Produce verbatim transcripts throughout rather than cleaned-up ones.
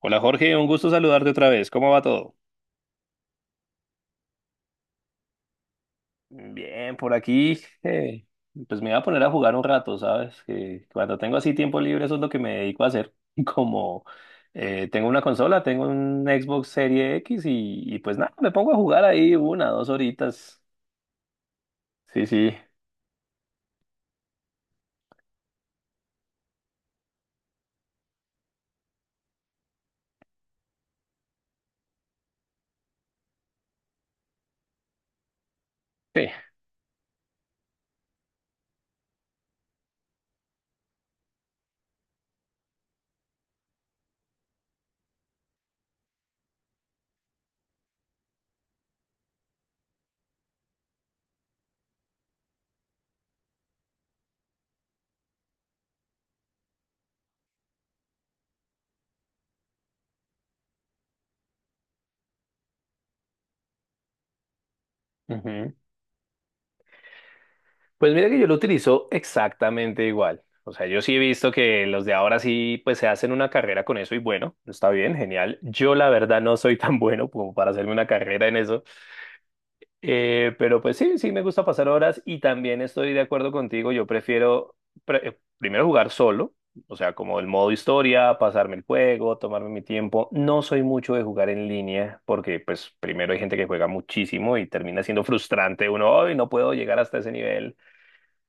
Hola Jorge, un gusto saludarte otra vez. ¿Cómo va todo? Bien, por aquí, eh, pues me voy a poner a jugar un rato, ¿sabes? Que cuando tengo así tiempo libre, eso es lo que me dedico a hacer. Como eh, tengo una consola, tengo un Xbox Serie X y, y pues nada, me pongo a jugar ahí una, dos horitas. Sí, sí. Sí. Ujú. Pues mira que yo lo utilizo exactamente igual. O sea, yo sí he visto que los de ahora sí, pues se hacen una carrera con eso y bueno, está bien, genial. Yo la verdad no soy tan bueno como para hacerme una carrera en eso. Eh, pero pues sí, sí me gusta pasar horas y también estoy de acuerdo contigo. Yo prefiero pre- eh, primero jugar solo, o sea, como el modo historia, pasarme el juego, tomarme mi tiempo. No soy mucho de jugar en línea porque pues primero hay gente que juega muchísimo y termina siendo frustrante uno, hoy no puedo llegar hasta ese nivel.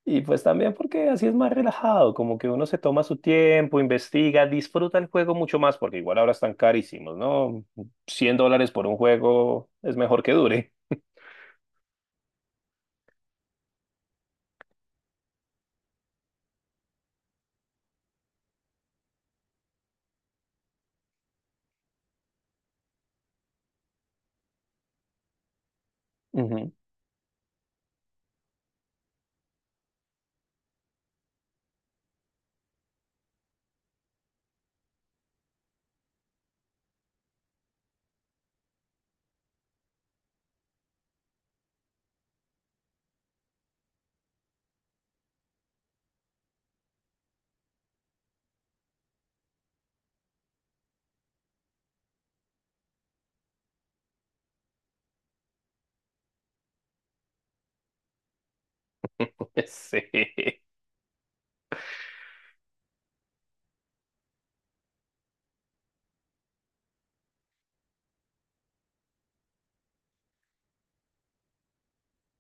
Y pues también porque así es más relajado, como que uno se toma su tiempo, investiga, disfruta el juego mucho más, porque igual ahora están carísimos, ¿no? Cien dólares por un juego es mejor que dure. Ujú. Sí.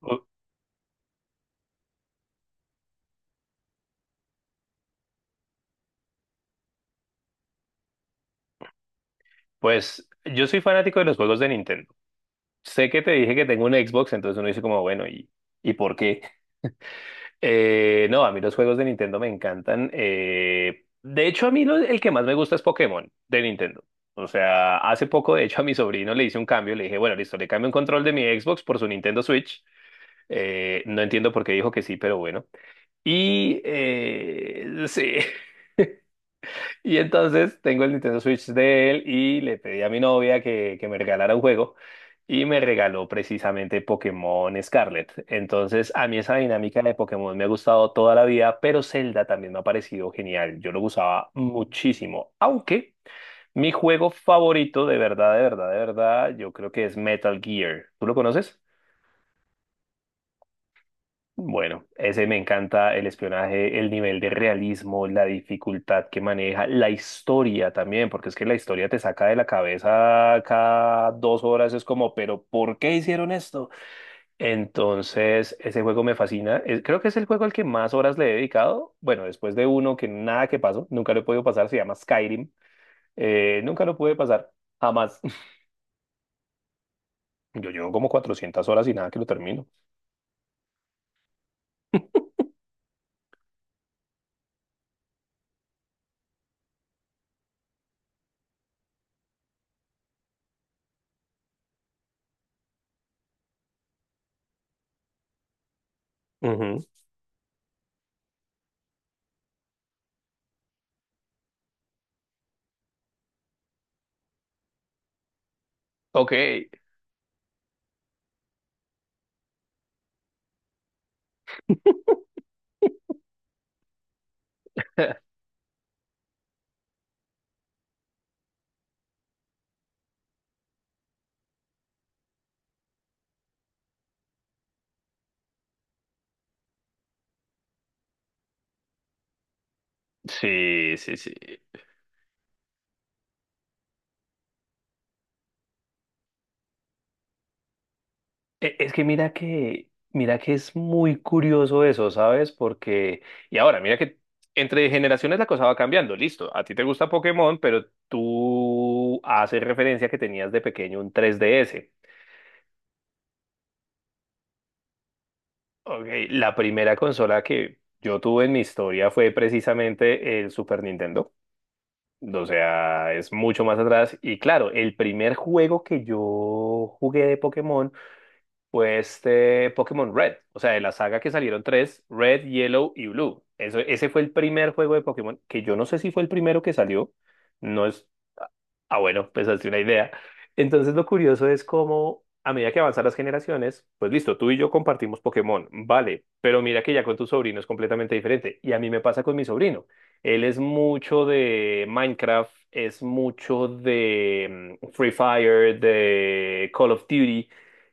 Pu- Pues yo soy fanático de los juegos de Nintendo. Sé que te dije que tengo un Xbox, entonces uno dice como, bueno, ¿y, ¿y por qué? Eh, no, a mí los juegos de Nintendo me encantan. Eh, de hecho, a mí lo- el que más me gusta es Pokémon de Nintendo. O sea, hace poco, de hecho, a mi sobrino le hice un cambio. Le dije, bueno, listo, le cambio un control de mi Xbox por su Nintendo Switch. Eh, no entiendo por qué dijo que sí, pero bueno. Y eh, sí. Y entonces tengo el Nintendo Switch de él y le pedí a mi novia que, que me regalara un juego y me regaló precisamente Pokémon Scarlet. Entonces a mí esa dinámica de Pokémon me ha gustado toda la vida, pero Zelda también me ha parecido genial. Yo lo usaba muchísimo, aunque mi juego favorito de verdad, de verdad, de verdad, yo creo que es Metal Gear. ¿Tú lo conoces? Bueno, ese me encanta, el espionaje, el nivel de realismo, la dificultad que maneja, la historia también, porque es que la historia te saca de la cabeza cada dos horas, es como, pero ¿por qué hicieron esto? Entonces, ese juego me fascina, es- creo que es el juego al que más horas le he dedicado, bueno, después de uno que nada que pasó, nunca lo he podido pasar, se llama Skyrim. Eh, nunca lo pude pasar, jamás. Yo llevo como cuatrocientas horas y nada que lo termino. Ujú. Ok. Sí, sí, sí. E- Es que mira que, mira que es muy curioso eso, ¿sabes? Porque, y ahora, mira que entre generaciones la cosa va cambiando, listo. A ti te gusta Pokémon, pero tú haces referencia que tenías de pequeño un tres D S. Ok, la primera consola que yo tuve en mi historia fue precisamente el Super Nintendo. O sea, es mucho más atrás. Y claro, el primer juego que yo jugué de Pokémon fue este Pokémon Red. O sea, de la saga que salieron tres, Red, Yellow y Blue. Eso, ese fue el primer juego de Pokémon, que yo no sé si fue el primero que salió. No, es, Ah, bueno, pensaste una idea. Entonces lo curioso es cómo a medida que avanzan las generaciones, pues listo, tú y yo compartimos Pokémon, vale, pero mira que ya con tu sobrino es completamente diferente. Y a mí me pasa con mi sobrino. Él es mucho de Minecraft, es mucho de mm, Free Fire, de Call of Duty.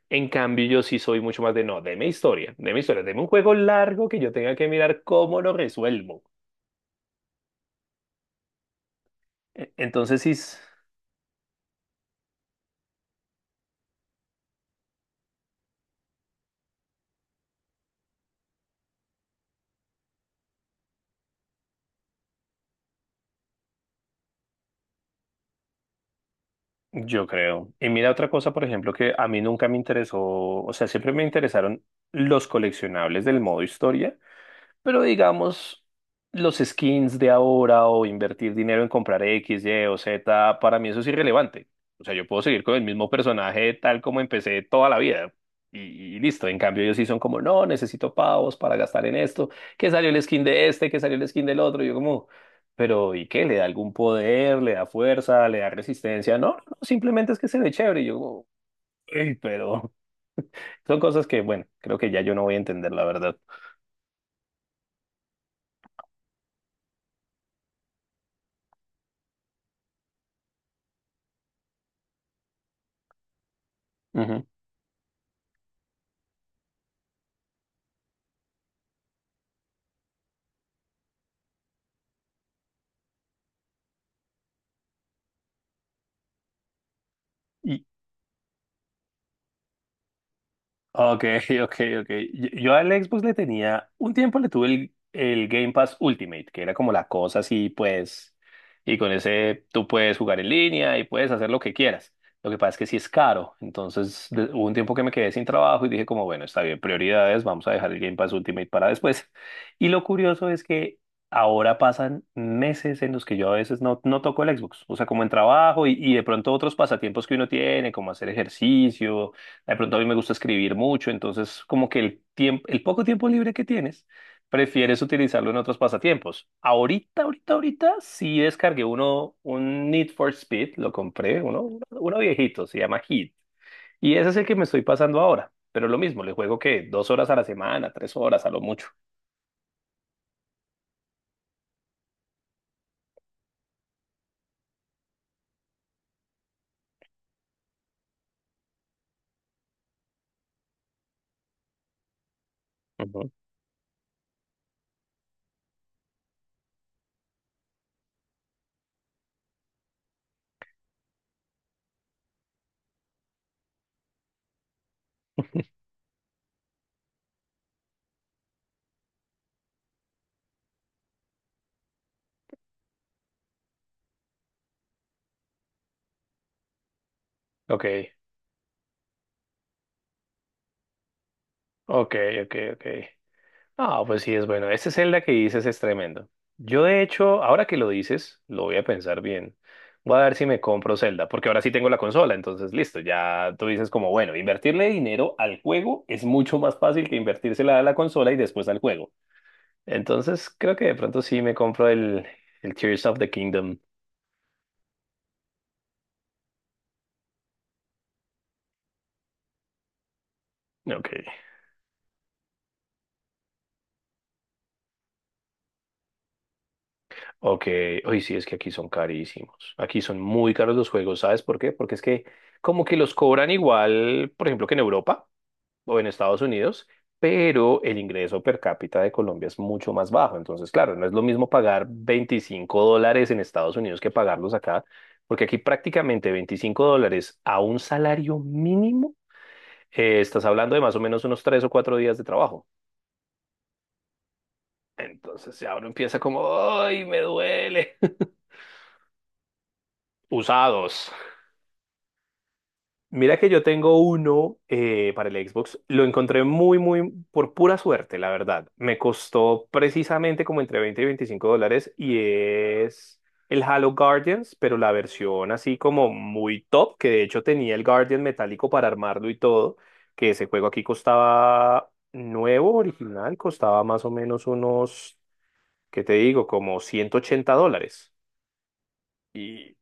En cambio, yo sí soy mucho más de no, deme historia, deme historia, deme un juego largo que yo tenga que mirar cómo lo resuelvo. E- Entonces sí. Yo creo. Y mira otra cosa, por ejemplo, que a mí nunca me interesó, o sea, siempre me interesaron los coleccionables del modo historia. Pero digamos, los skins de ahora o invertir dinero en comprar X, Y o Z, para mí eso es irrelevante. O sea, yo puedo seguir con el mismo personaje tal como empecé toda la vida. Y, y listo, en cambio ellos sí son como, no, necesito pavos para gastar en esto, que salió el skin de este, que salió el skin del otro, y yo como, pero ¿y qué? ¿Le da algún poder? ¿Le da fuerza? ¿Le da resistencia? No, no, no, simplemente es que se ve chévere, y yo como, "Ey, pero son cosas que, bueno, creo que ya yo no voy a entender la verdad. Ujú. Ok, ok, ok. Yo, yo al Xbox le tenía, un tiempo le tuve el, el Game Pass Ultimate, que era como la cosa así, pues, y con ese tú puedes jugar en línea y puedes hacer lo que quieras. Lo que pasa es que sí es caro, entonces de- hubo un tiempo que me quedé sin trabajo y dije como, bueno, está bien, prioridades, vamos a dejar el Game Pass Ultimate para después. Y lo curioso es que ahora pasan meses en los que yo a veces no, no toco el Xbox, o sea, como en trabajo y, y de pronto otros pasatiempos que uno tiene, como hacer ejercicio, de pronto a mí me gusta escribir mucho, entonces como que el tiempo, el poco tiempo libre que tienes, prefieres utilizarlo en otros pasatiempos. Ahorita, ahorita, ahorita sí descargué uno, un Need for Speed, lo compré, uno, uno viejito, se llama Heat. Y ese es el que me estoy pasando ahora. Pero lo mismo, le juego que dos horas a la semana, tres horas a lo mucho. Ujú. Ok, ok, ok, ok. Ah, pues sí, es bueno. Este Zelda que dices es tremendo. Yo, de hecho, ahora que lo dices, lo voy a pensar bien. Voy a ver si me compro Zelda, porque ahora sí tengo la consola, entonces listo, ya tú dices como, bueno, invertirle dinero al juego es mucho más fácil que invertírsela a la consola y después al juego. Entonces, creo que de pronto sí me compro el, el Tears of the Kingdom. Ok, ok. Hoy sí, es que aquí son carísimos. Aquí son muy caros los juegos, ¿sabes por qué? Porque es que como que los cobran igual, por ejemplo, que en Europa, o en Estados Unidos, pero el ingreso per cápita de Colombia es mucho más bajo. Entonces, claro, no es lo mismo pagar veinticinco dólares en Estados Unidos que pagarlos acá, porque aquí prácticamente veinticinco dólares a un salario mínimo, eh, estás hablando de más o menos unos tres o cuatro días de trabajo. Entonces ya uno empieza como, ¡ay, me duele! Usados. Mira que yo tengo uno eh, para el Xbox. Lo encontré muy, muy por pura suerte, la verdad. Me costó precisamente como entre veinte y veinticinco dólares y es el Halo Guardians, pero la versión así como muy top, que de hecho tenía el Guardian metálico para armarlo y todo, que ese juego aquí costaba nuevo, original, costaba más o menos unos, ¿qué te digo? Como ciento ochenta dólares. Y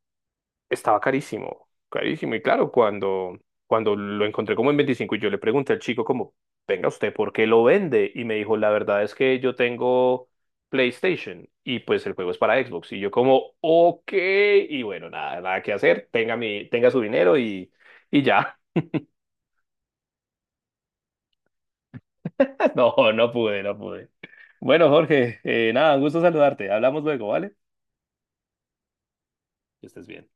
estaba carísimo, carísimo. Y claro, cuando, cuando lo encontré como en veinticinco y yo le pregunté al chico como, venga usted, ¿por qué lo vende? Y me dijo, la verdad es que yo tengo PlayStation y pues el juego es para Xbox. Y yo como, ok, y bueno, nada, nada que hacer, tenga mi, tenga su dinero y, y ya. No, no pude, no pude. Bueno, Jorge, eh, nada, un gusto saludarte. Hablamos luego, ¿vale? Que estés bien.